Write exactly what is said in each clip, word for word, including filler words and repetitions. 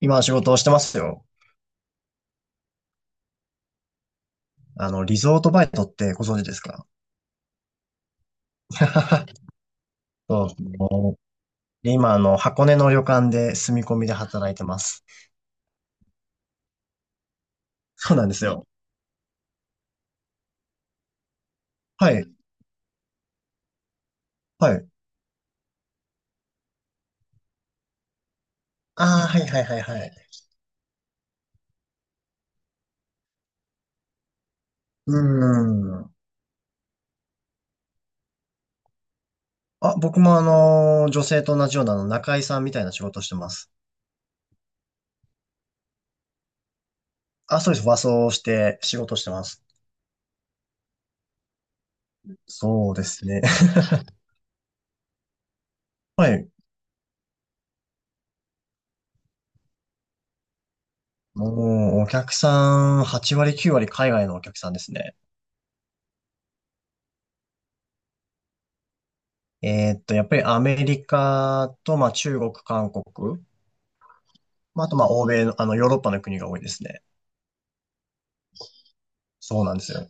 今仕事をしてますよ。あの、リゾートバイトってご存知ですか？ そうですね。今、あの、箱根の旅館で住み込みで働いてます。そうなんですよ。はい。はい。ああ、はいはいはいはい。うーん。あ、僕もあの、女性と同じようなあの中居さんみたいな仕事してます。あ、そうです。和装して仕事してます。そうですね。はい。もう、お客さん、はちわり割、きゅうわり割海外のお客さんですね。えーっと、やっぱりアメリカと、まあ、中国、韓国。まあ、あと、まあ、欧米の、あの、ヨーロッパの国が多いですね。そうなんですよ。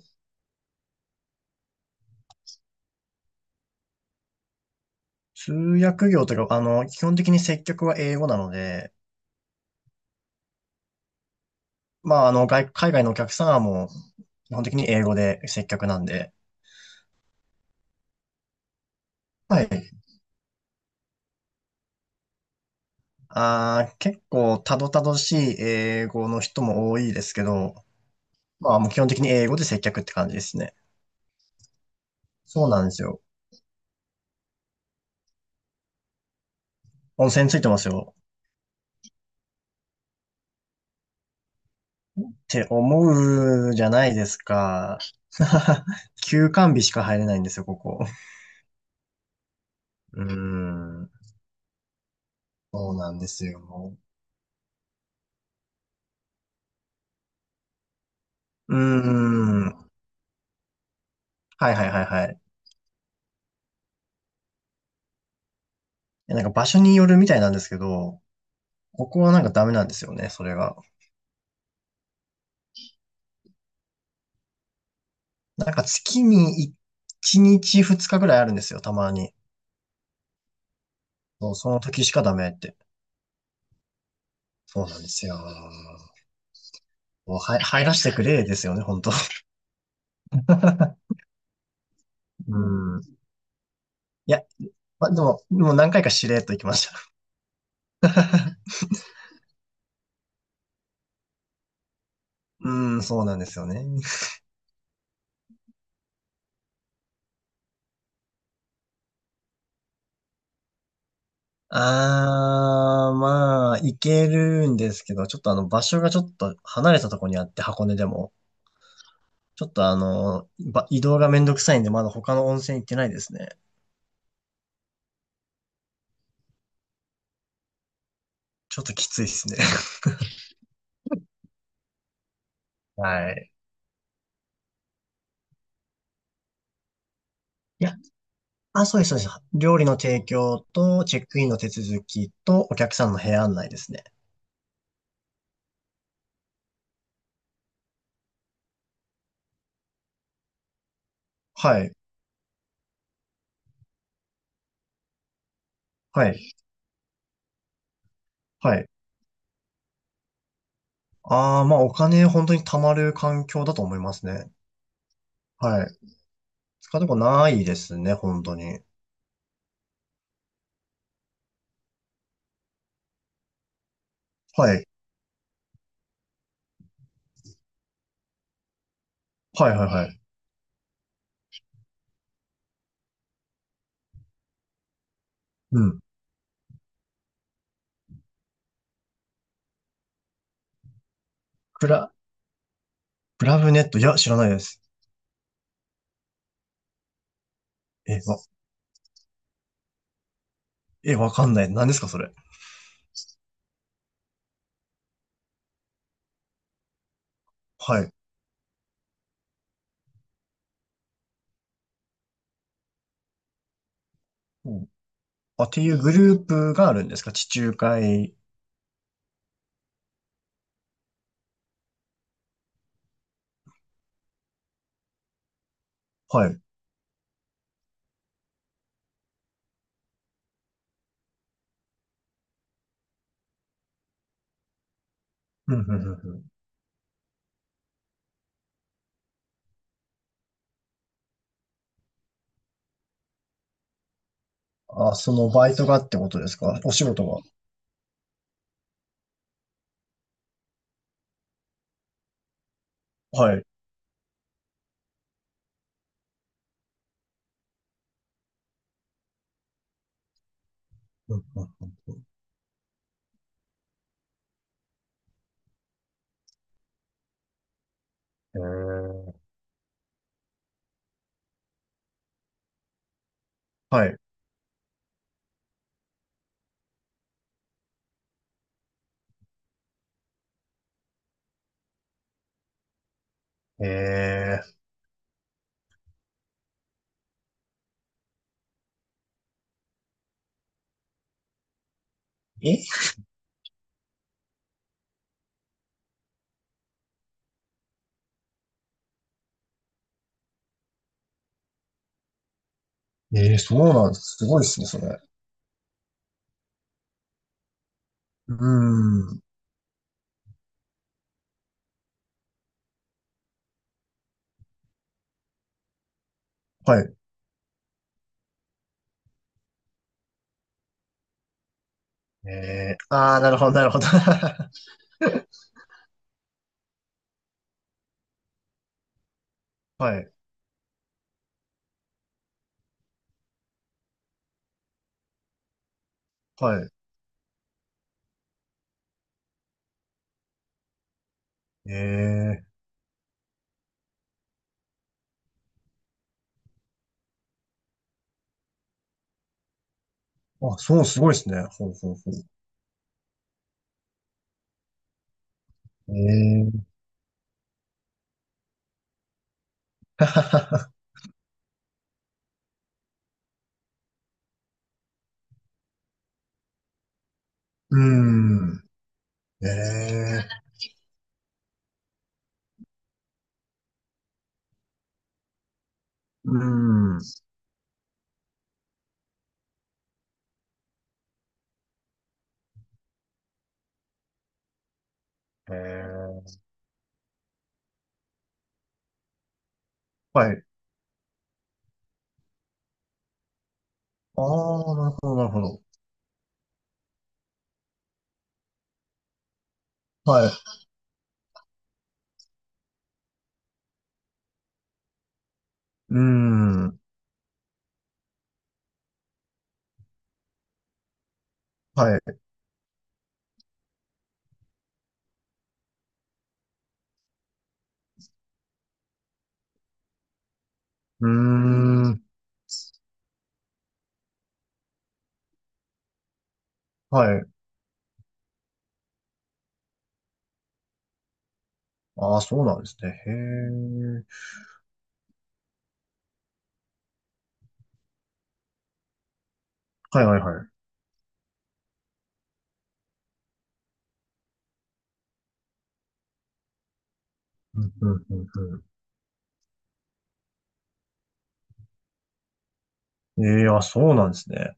通訳業というか、あの、基本的に接客は英語なので、まあ、あの、外、海外のお客さんはもう、基本的に英語で接客なんで、はい。あー、結構、たどたどしい英語の人も多いですけど、まあ、もう基本的に英語で接客って感じですね。そうなんですよ。温泉ついてますよ。って思うじゃないですか。休館日しか入れないんですよ、ここ。うーん。そうなんですよ。うーん。はいはいはいはい。いや、なんか場所によるみたいなんですけど、ここはなんかダメなんですよね、それが。なんか月にいちにちふつかぐらいあるんですよ、たまに。そう、その時しかダメって。そうなんですよ。もうはい入らせてくれですよね、本当。 うん。いや、ま、でも、もう何回かしれっと行きました。うん、そうなんですよね。あー、まあ、行けるんですけど、ちょっとあの、場所がちょっと離れたところにあって、箱根でも。ちょっとあの、ば移動がめんどくさいんで、まだ他の温泉行ってないですね。ちょっときついですね。はい。いや、あ、そうです、そうです。料理の提供と、チェックインの手続きと、お客さんの部屋案内ですね。はい、はい、はい。あー、まあ、お金本当に貯まる環境だと思いますね。はい。使うとこないですね、本当に。はい、はい、はい、はい。うん。暗プラブネット、いや、知らないです。え、わ、え、わかんない。何ですか、それ。はい。うん。あ、っていうグループがあるんですか、地中海？はい。うん、うん、うん、うん。あ、そのバイトがってことですか、お仕事が？はい。うん、うん。へー、はい。えー、ええー、そうなんです。すごいですね、それ。うーん。はい。えー、あー、なるほど、なるほど。はい。はい。えー、あ、そう、すごいですね。ほうほうほう。えー、うーん。ええ、うん。ええ、はい。ああ、なるほど、なるほど。はい。うーん。はい。うーん。はい。ああ、そうなんですね。へえ。はいはいはい。うん、うん、うん、うん。ええ、あ、そうなんですね。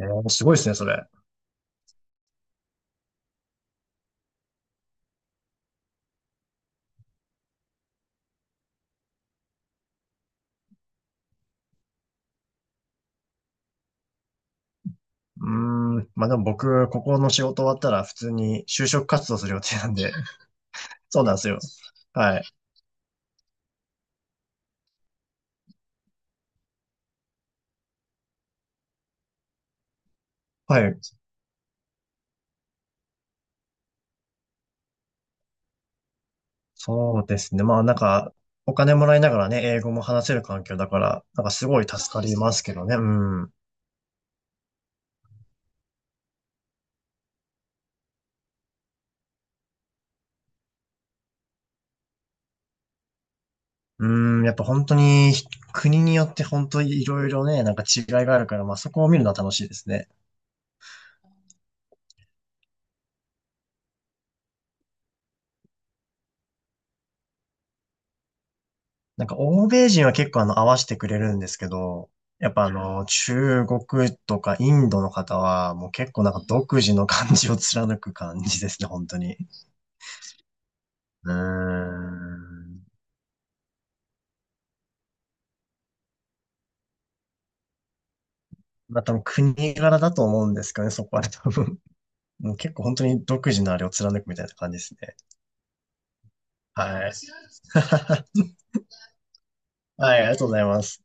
ええ、すごいですね、それ。うーん。ま、でも僕、ここの仕事終わったら普通に就職活動する予定なんで、そうなんですよ。はい。はい。そうですね。まあなんか、お金もらいながらね、英語も話せる環境だから、なんかすごい助かりますけどね。うん。うん、やっぱ本当に国によって本当にいろいろね、なんか違いがあるから、まあそこを見るのは楽しいですね。なんか欧米人は結構あの合わせてくれるんですけど、やっぱあの中国とかインドの方はもう結構なんか独自の感じを貫く感じですね、本当に。うーん。まあ多分国柄だと思うんですけどね、そこは多分。もう結構本当に独自のあれを貫くみたいな感じですね。はい。はい、ありがとうございます。